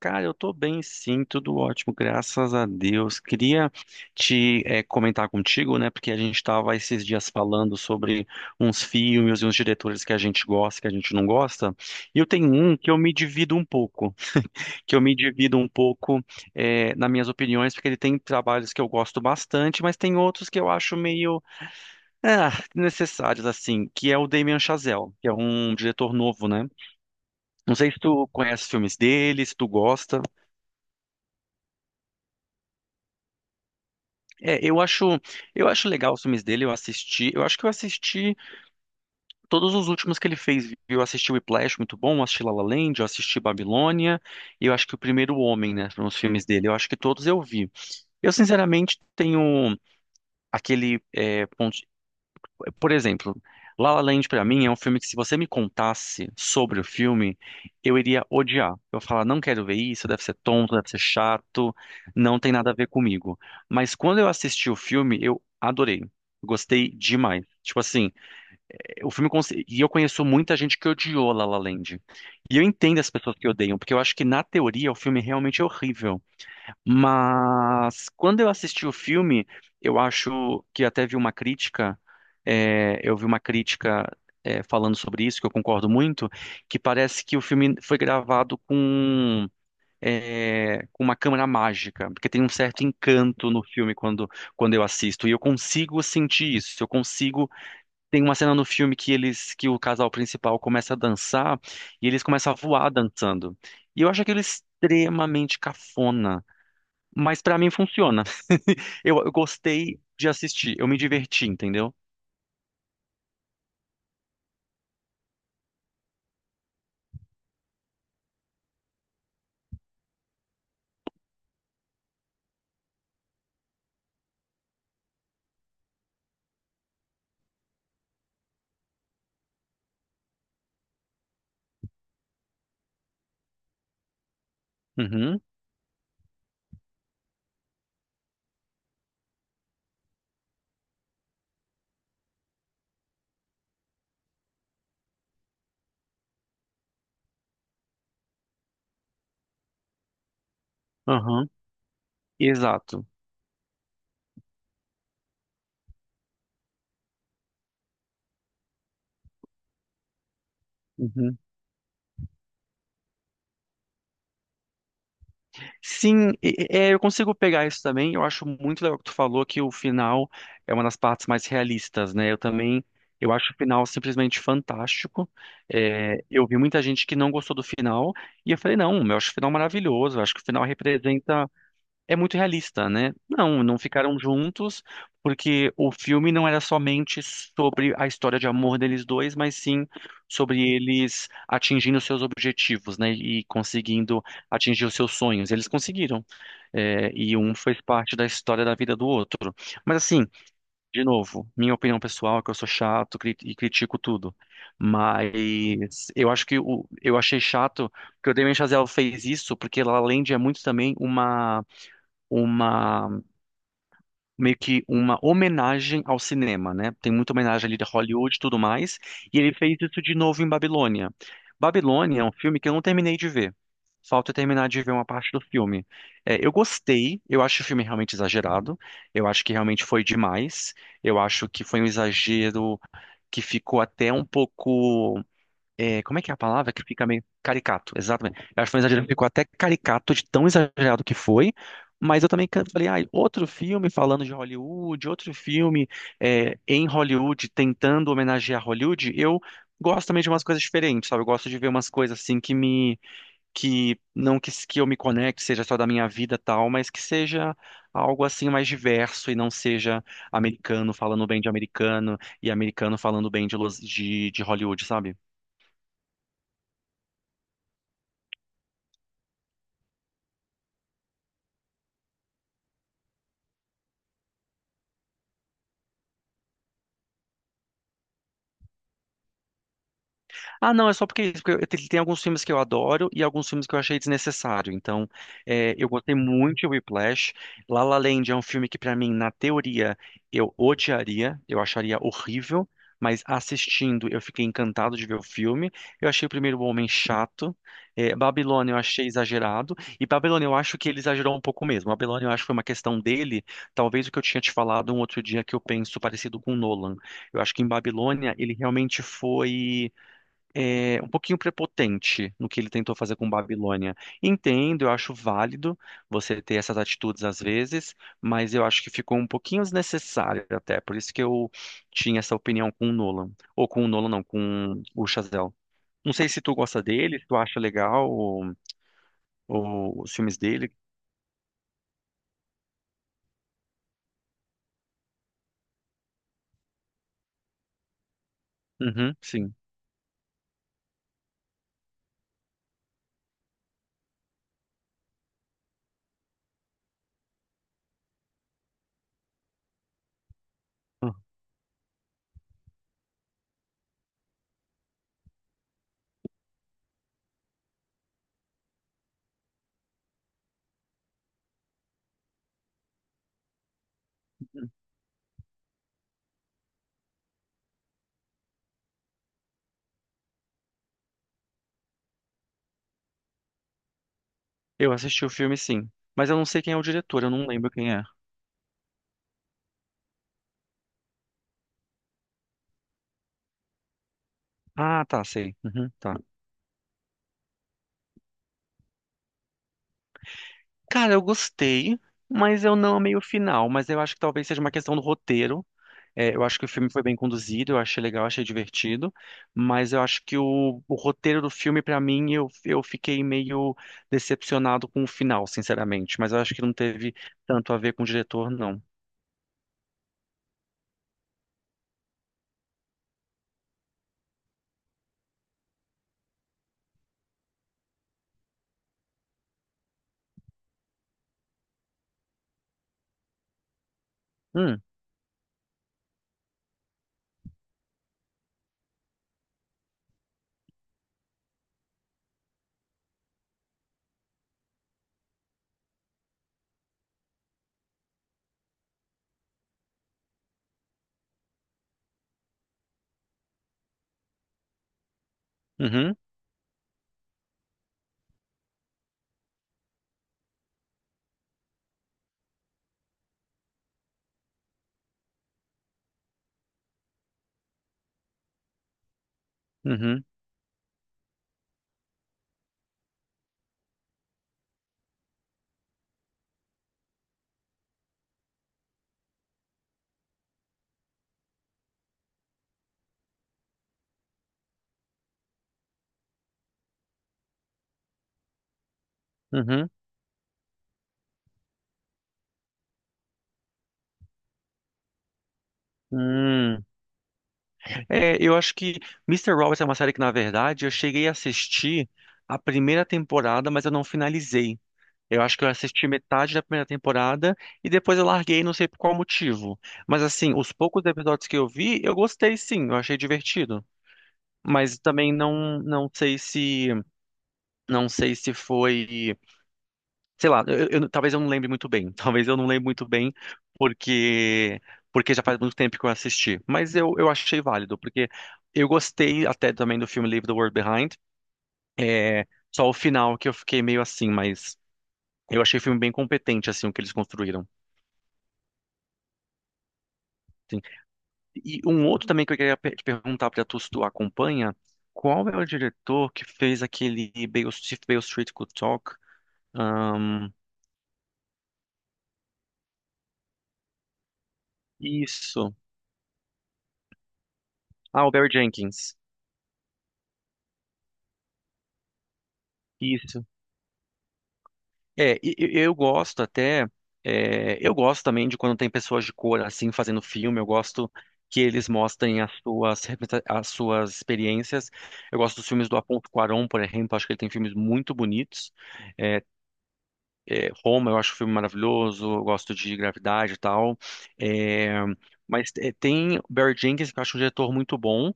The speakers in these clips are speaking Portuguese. Cara, eu tô bem sim, tudo ótimo, graças a Deus. Queria te comentar contigo, né, porque a gente estava esses dias falando sobre uns filmes e uns diretores que a gente gosta, que a gente não gosta, e eu tenho um que eu me divido um pouco, que eu me divido um pouco eh, nas minhas opiniões, porque ele tem trabalhos que eu gosto bastante, mas tem outros que eu acho meio necessários, assim, que é o Damien Chazelle, que é um diretor novo, né? Não sei se tu conhece os filmes dele, se tu gosta. É, eu acho legal os filmes dele, eu assisti, eu acho que eu assisti todos os últimos que ele fez, viu? Eu assisti o Whiplash, muito bom, eu assisti La La Land, eu assisti Babilônia, e eu acho que o Primeiro Homem, né, foram os filmes dele, eu acho que todos eu vi. Eu, sinceramente, tenho aquele ponto, por exemplo, La La Land pra mim é um filme que, se você me contasse sobre o filme, eu iria odiar. Eu ia falar, não quero ver isso, deve ser tonto, deve ser chato, não tem nada a ver comigo. Mas quando eu assisti o filme, eu adorei. Gostei demais. Tipo assim, e eu conheço muita gente que odiou La La Land. E eu entendo as pessoas que odeiam, porque eu acho que na teoria o filme realmente é horrível. Mas quando eu assisti o filme, eu acho que até vi uma crítica, eu vi uma crítica, falando sobre isso, que eu concordo muito, que parece que o filme foi gravado com, com uma câmera mágica, porque tem um certo encanto no filme quando, quando eu assisto, e eu consigo sentir isso, eu consigo. Tem uma cena no filme que eles, que o casal principal começa a dançar e eles começam a voar dançando. E eu acho aquilo extremamente cafona. Mas pra mim funciona. Eu gostei de assistir, eu me diverti, entendeu? Uhum, aham, exato. Uhum. Sim, é, eu consigo pegar isso também. Eu acho muito legal que tu falou que o final é uma das partes mais realistas, né? Eu também, eu acho o final simplesmente fantástico. É, eu vi muita gente que não gostou do final e eu falei, não, eu acho o final maravilhoso. Eu acho que o final representa é muito realista, né? Não, não ficaram juntos, porque o filme não era somente sobre a história de amor deles dois, mas sim sobre eles atingindo seus objetivos, né? E conseguindo atingir os seus sonhos. Eles conseguiram. É, e um fez parte da história da vida do outro. Mas assim, de novo, minha opinião pessoal é que eu sou chato e critico tudo. Mas eu acho que o, eu achei chato que o Damien Chazelle fez isso, porque ela, além de é muito também uma meio que uma homenagem ao cinema, né? Tem muita homenagem ali de Hollywood e tudo mais, e ele fez isso de novo em Babilônia. Babilônia é um filme que eu não terminei de ver. Falta eu terminar de ver uma parte do filme. É, eu gostei, eu acho o filme realmente exagerado, eu acho que realmente foi demais, eu acho que foi um exagero que ficou até um pouco como é que é a palavra que fica meio caricato, exatamente. Eu acho que foi um exagero, que ficou até caricato de tão exagerado que foi, mas eu também falei, ah, outro filme falando de Hollywood, outro filme em Hollywood tentando homenagear Hollywood, eu gosto também de umas coisas diferentes, sabe? Eu gosto de ver umas coisas assim que me, que não que, que eu me conecte, seja só da minha vida e tal, mas que seja algo assim mais diverso e não seja americano falando bem de americano e americano falando bem de, de Hollywood, sabe? Ah, não, é só porque, é isso. Porque tem alguns filmes que eu adoro e alguns filmes que eu achei desnecessário. Então, eu gostei muito de Whiplash. La La Land é um filme que, pra mim, na teoria, eu odiaria, eu acharia horrível, mas assistindo eu fiquei encantado de ver o filme. Eu achei o Primeiro Homem chato. É, Babilônia eu achei exagerado. E Babilônia eu acho que ele exagerou um pouco mesmo. Babilônia eu acho que foi uma questão dele. Talvez o que eu tinha te falado um outro dia que eu penso parecido com Nolan. Eu acho que em Babilônia ele realmente foi um pouquinho prepotente no que ele tentou fazer com Babilônia. Entendo, eu acho válido você ter essas atitudes às vezes, mas eu acho que ficou um pouquinho desnecessário até. Por isso que eu tinha essa opinião com o Nolan. Ou com o Nolan, não, com o Chazelle. Não sei se tu gosta dele, se tu acha legal ou os filmes dele. Uhum, sim. Eu assisti o filme, sim. Mas eu não sei quem é o diretor, eu não lembro quem é. Ah, tá, sei. Uhum, tá. Cara, eu gostei, mas eu não amei o final. Mas eu acho que talvez seja uma questão do roteiro. É, eu acho que o filme foi bem conduzido, eu achei legal, achei divertido. Mas eu acho que o roteiro do filme, pra mim, eu fiquei meio decepcionado com o final, sinceramente. Mas eu acho que não teve tanto a ver com o diretor, não. Hum, uhum, uhum, uhum. Hum. É, eu acho que Mister Robot é uma série que, na verdade, eu cheguei a assistir a primeira temporada, mas eu não finalizei. Eu acho que eu assisti metade da primeira temporada e depois eu larguei, não sei por qual motivo. Mas assim, os poucos episódios que eu vi, eu gostei sim, eu achei divertido. Mas também não sei se não sei se foi, sei lá, talvez eu não lembre muito bem. Talvez eu não lembre muito bem porque porque já faz muito tempo que eu assisti. Mas eu achei válido, porque eu gostei até também do filme Leave the World Behind. É, só o final que eu fiquei meio assim, mas eu achei o filme bem competente assim o que eles construíram. E um outro também que eu queria te perguntar, para tu se tu acompanha, qual é o diretor que fez aquele Beale, If Beale Street Could Talk? Ahn, isso. Ah, o Barry Jenkins. Isso. É, eu gosto até, é, eu gosto também de quando tem pessoas de cor assim fazendo filme, eu gosto que eles mostrem as suas, as suas experiências. Eu gosto dos filmes do Afonso Cuarón, por exemplo, acho que ele tem filmes muito bonitos. É, É, Roma, eu acho o filme maravilhoso, eu gosto de Gravidade e tal. É, mas é, tem Barry Jenkins, que eu acho um diretor muito bom.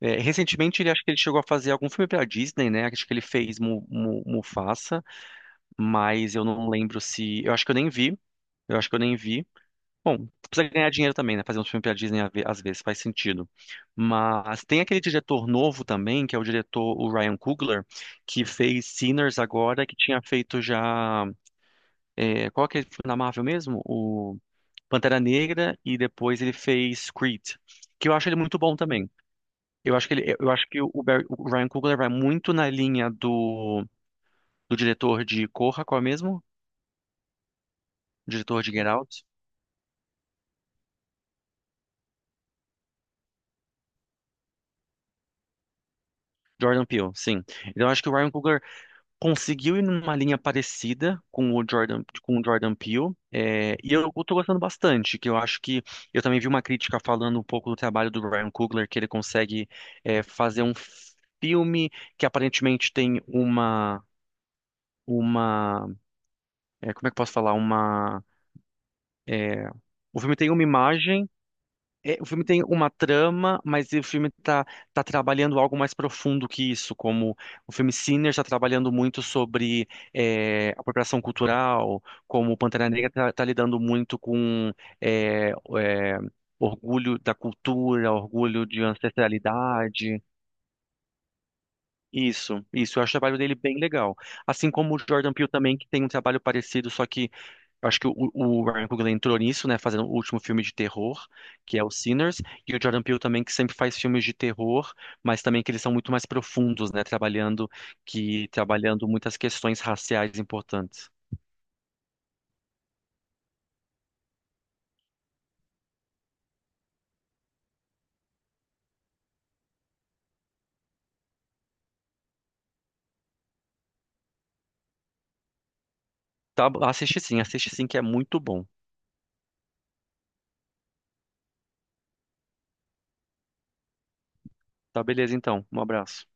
É, recentemente, ele acho que ele chegou a fazer algum filme pela Disney, né? Acho que ele fez Mu, Mufasa, mas eu não lembro se. Eu acho que eu nem vi. Eu acho que eu nem vi. Bom, precisa ganhar dinheiro também, né? Fazer um filme pela Disney às vezes faz sentido. Mas tem aquele diretor novo também, que é o diretor, o Ryan Coogler, que fez Sinners agora, que tinha feito já. É, qual que ele foi na Marvel mesmo? O Pantera Negra e depois ele fez Creed, que eu acho ele muito bom também. Eu acho que ele, eu acho que o, o Ryan Coogler vai muito na linha do, do diretor de Corra, qual é mesmo? O diretor de Get Out, Jordan Peele, sim. Então eu acho que o Ryan Coogler conseguiu ir numa linha parecida com o Jordan Peele, é, e eu tô gostando bastante, que eu acho que eu também vi uma crítica falando um pouco do trabalho do Ryan Coogler, que ele consegue fazer um filme que aparentemente tem uma, é, como é que eu posso falar, uma, é, o filme tem uma imagem. É, o filme tem uma trama, mas o filme tá, tá trabalhando algo mais profundo que isso, como o filme Sinner está trabalhando muito sobre é, apropriação cultural, como o Pantera Negra está lidando muito com é, é, orgulho da cultura, orgulho de ancestralidade. Isso, eu acho o trabalho dele bem legal. Assim como o Jordan Peele também, que tem um trabalho parecido, só que eu acho que o Ryan Coogler entrou nisso, né, fazendo o último filme de terror, que é o Sinners, e o Jordan Peele também, que sempre faz filmes de terror, mas também que eles são muito mais profundos, né, trabalhando que trabalhando muitas questões raciais importantes. Tá, assiste sim, que é muito bom. Tá, beleza, então. Um abraço.